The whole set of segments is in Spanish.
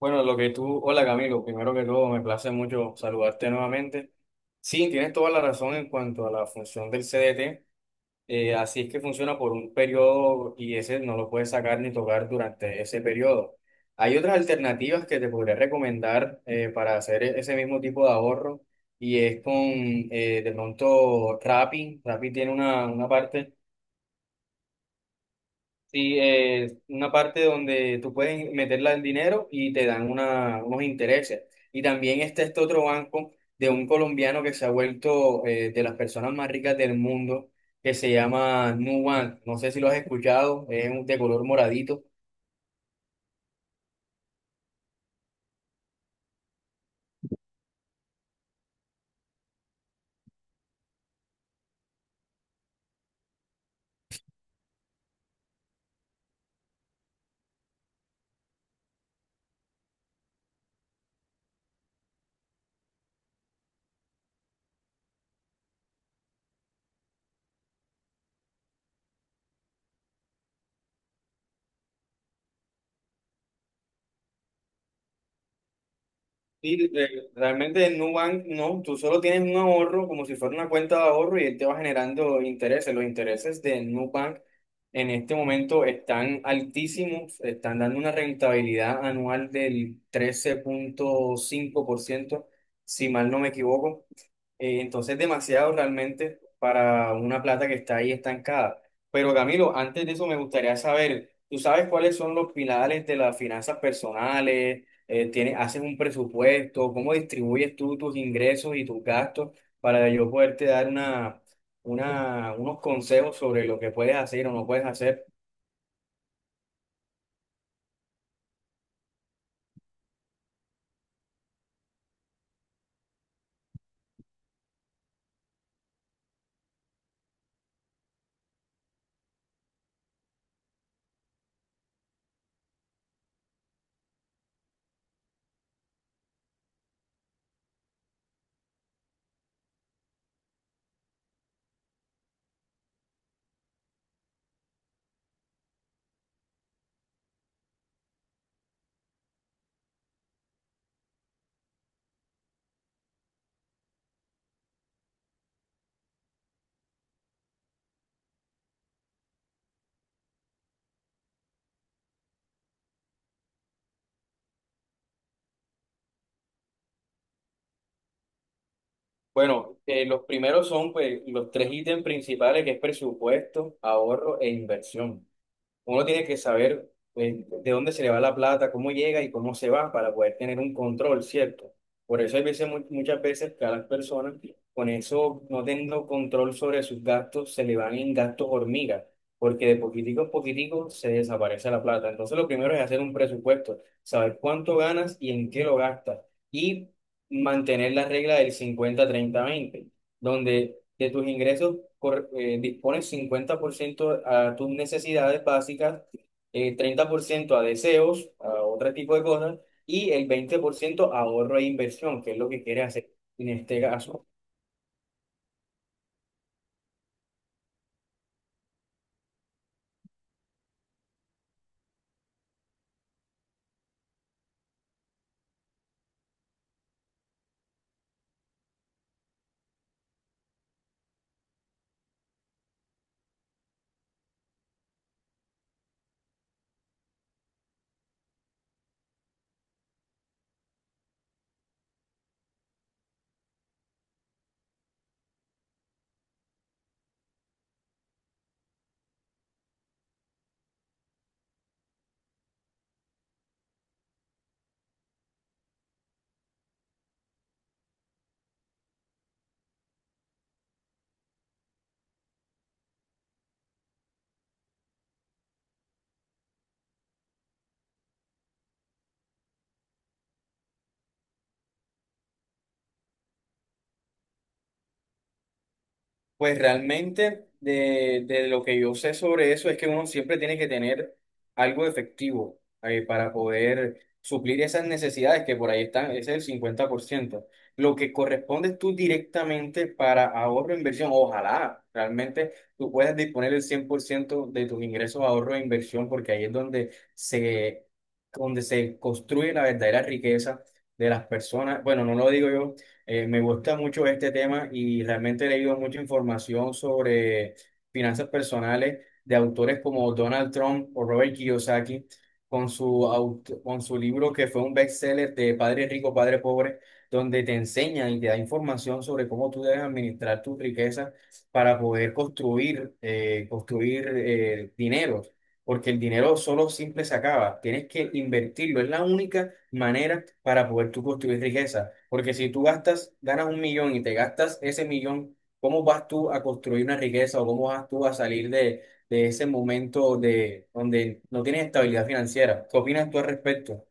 Bueno, lo que tú, hola Camilo, primero que todo me place mucho saludarte nuevamente. Sí, tienes toda la razón en cuanto a la función del CDT, así es que funciona por un periodo y ese no lo puedes sacar ni tocar durante ese periodo. Hay otras alternativas que te podría recomendar para hacer ese mismo tipo de ahorro y es con de pronto Rappi. Rappi tiene una parte. Sí, es una parte donde tú puedes meterla el dinero y te dan unos intereses. Y también está este otro banco de un colombiano que se ha vuelto de las personas más ricas del mundo, que se llama Nubank. No sé si lo has escuchado, es de color moradito. Sí, re- Realmente en Nubank no, tú solo tienes un ahorro como si fuera una cuenta de ahorro y él te va generando intereses. Los intereses de Nubank en este momento están altísimos, están dando una rentabilidad anual del 13.5%, si mal no me equivoco. Entonces, demasiado realmente para una plata que está ahí estancada. Pero Camilo, antes de eso me gustaría saber, ¿tú sabes cuáles son los pilares de las finanzas personales? ¿ Haces un presupuesto? ¿Cómo distribuyes tú tus ingresos y tus gastos para yo poderte dar unos consejos sobre lo que puedes hacer o no puedes hacer? Bueno, los primeros son pues, los tres ítems principales que es presupuesto, ahorro e inversión. Uno tiene que saber de dónde se le va la plata, cómo llega y cómo se va para poder tener un control, ¿cierto? Por eso hay veces, muchas veces que a las personas con eso no teniendo control sobre sus gastos se le van en gastos hormigas, porque de poquitico a poquitico se desaparece la plata. Entonces lo primero es hacer un presupuesto, saber cuánto ganas y en qué lo gastas y mantener la regla del 50-30-20 donde de tus ingresos dispones 50% a tus necesidades básicas, 30% a deseos, a otro tipo de cosas, y el 20% ahorro e inversión, que es lo que quieres hacer en este caso. Pues realmente de lo que yo sé sobre eso es que uno siempre tiene que tener algo efectivo para poder suplir esas necesidades que por ahí están, ese es el 50%. Lo que corresponde tú directamente para ahorro e inversión, ojalá realmente tú puedas disponer el 100% de tus ingresos a ahorro e inversión porque ahí es donde donde se construye la verdadera riqueza de las personas. Bueno, no lo digo yo, me gusta mucho este tema y realmente he leído mucha información sobre finanzas personales de autores como Donald Trump o Robert Kiyosaki con con su libro que fue un bestseller de Padre Rico, Padre Pobre, donde te enseña y te da información sobre cómo tú debes administrar tu riqueza para poder construir, construir dinero. Porque el dinero solo simple se acaba, tienes que invertirlo. Es la única manera para poder tú construir riqueza. Porque si tú gastas, ganas un millón y te gastas ese millón, ¿cómo vas tú a construir una riqueza o cómo vas tú a salir de ese momento de donde no tienes estabilidad financiera? ¿Qué opinas tú al respecto?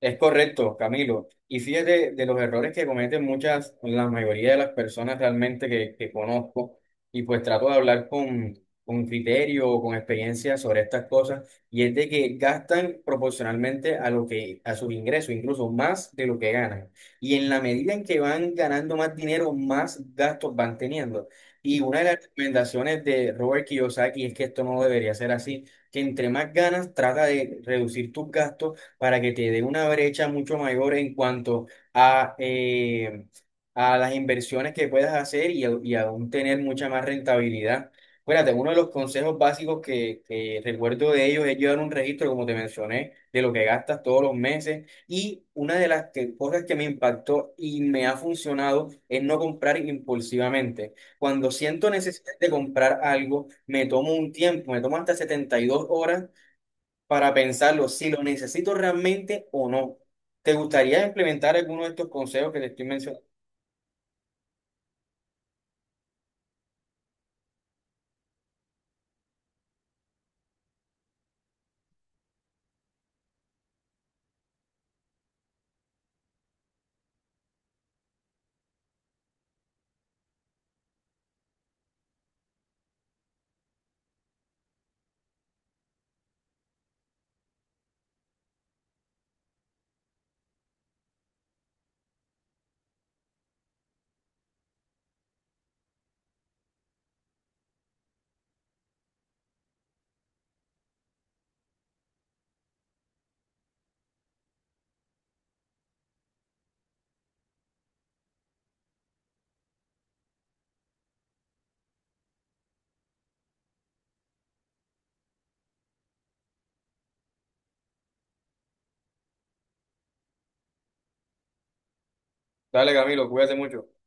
Es correcto, Camilo. Y fíjate de los errores que cometen muchas, la mayoría de las personas realmente que conozco, y pues trato de hablar con criterio o con experiencia sobre estas cosas, y es de que gastan proporcionalmente a lo que, a sus ingresos, incluso más de lo que ganan. Y en la medida en que van ganando más dinero, más gastos van teniendo. Y una de las recomendaciones de Robert Kiyosaki es que esto no debería ser así, que entre más ganas, trata de reducir tus gastos para que te dé una brecha mucho mayor en cuanto a, eh, a las inversiones que puedas hacer y, y aún tener mucha más rentabilidad. Fíjate, uno de los consejos básicos que recuerdo de ellos es llevar un registro, como te mencioné, de lo que gastas todos los meses. Y una de las cosas que me impactó y me ha funcionado es no comprar impulsivamente. Cuando siento necesidad de comprar algo, me tomo un tiempo, me tomo hasta 72 horas para pensarlo, si lo necesito realmente o no. ¿Te gustaría implementar alguno de estos consejos que te estoy mencionando? Dale, Camilo, cuídate mucho.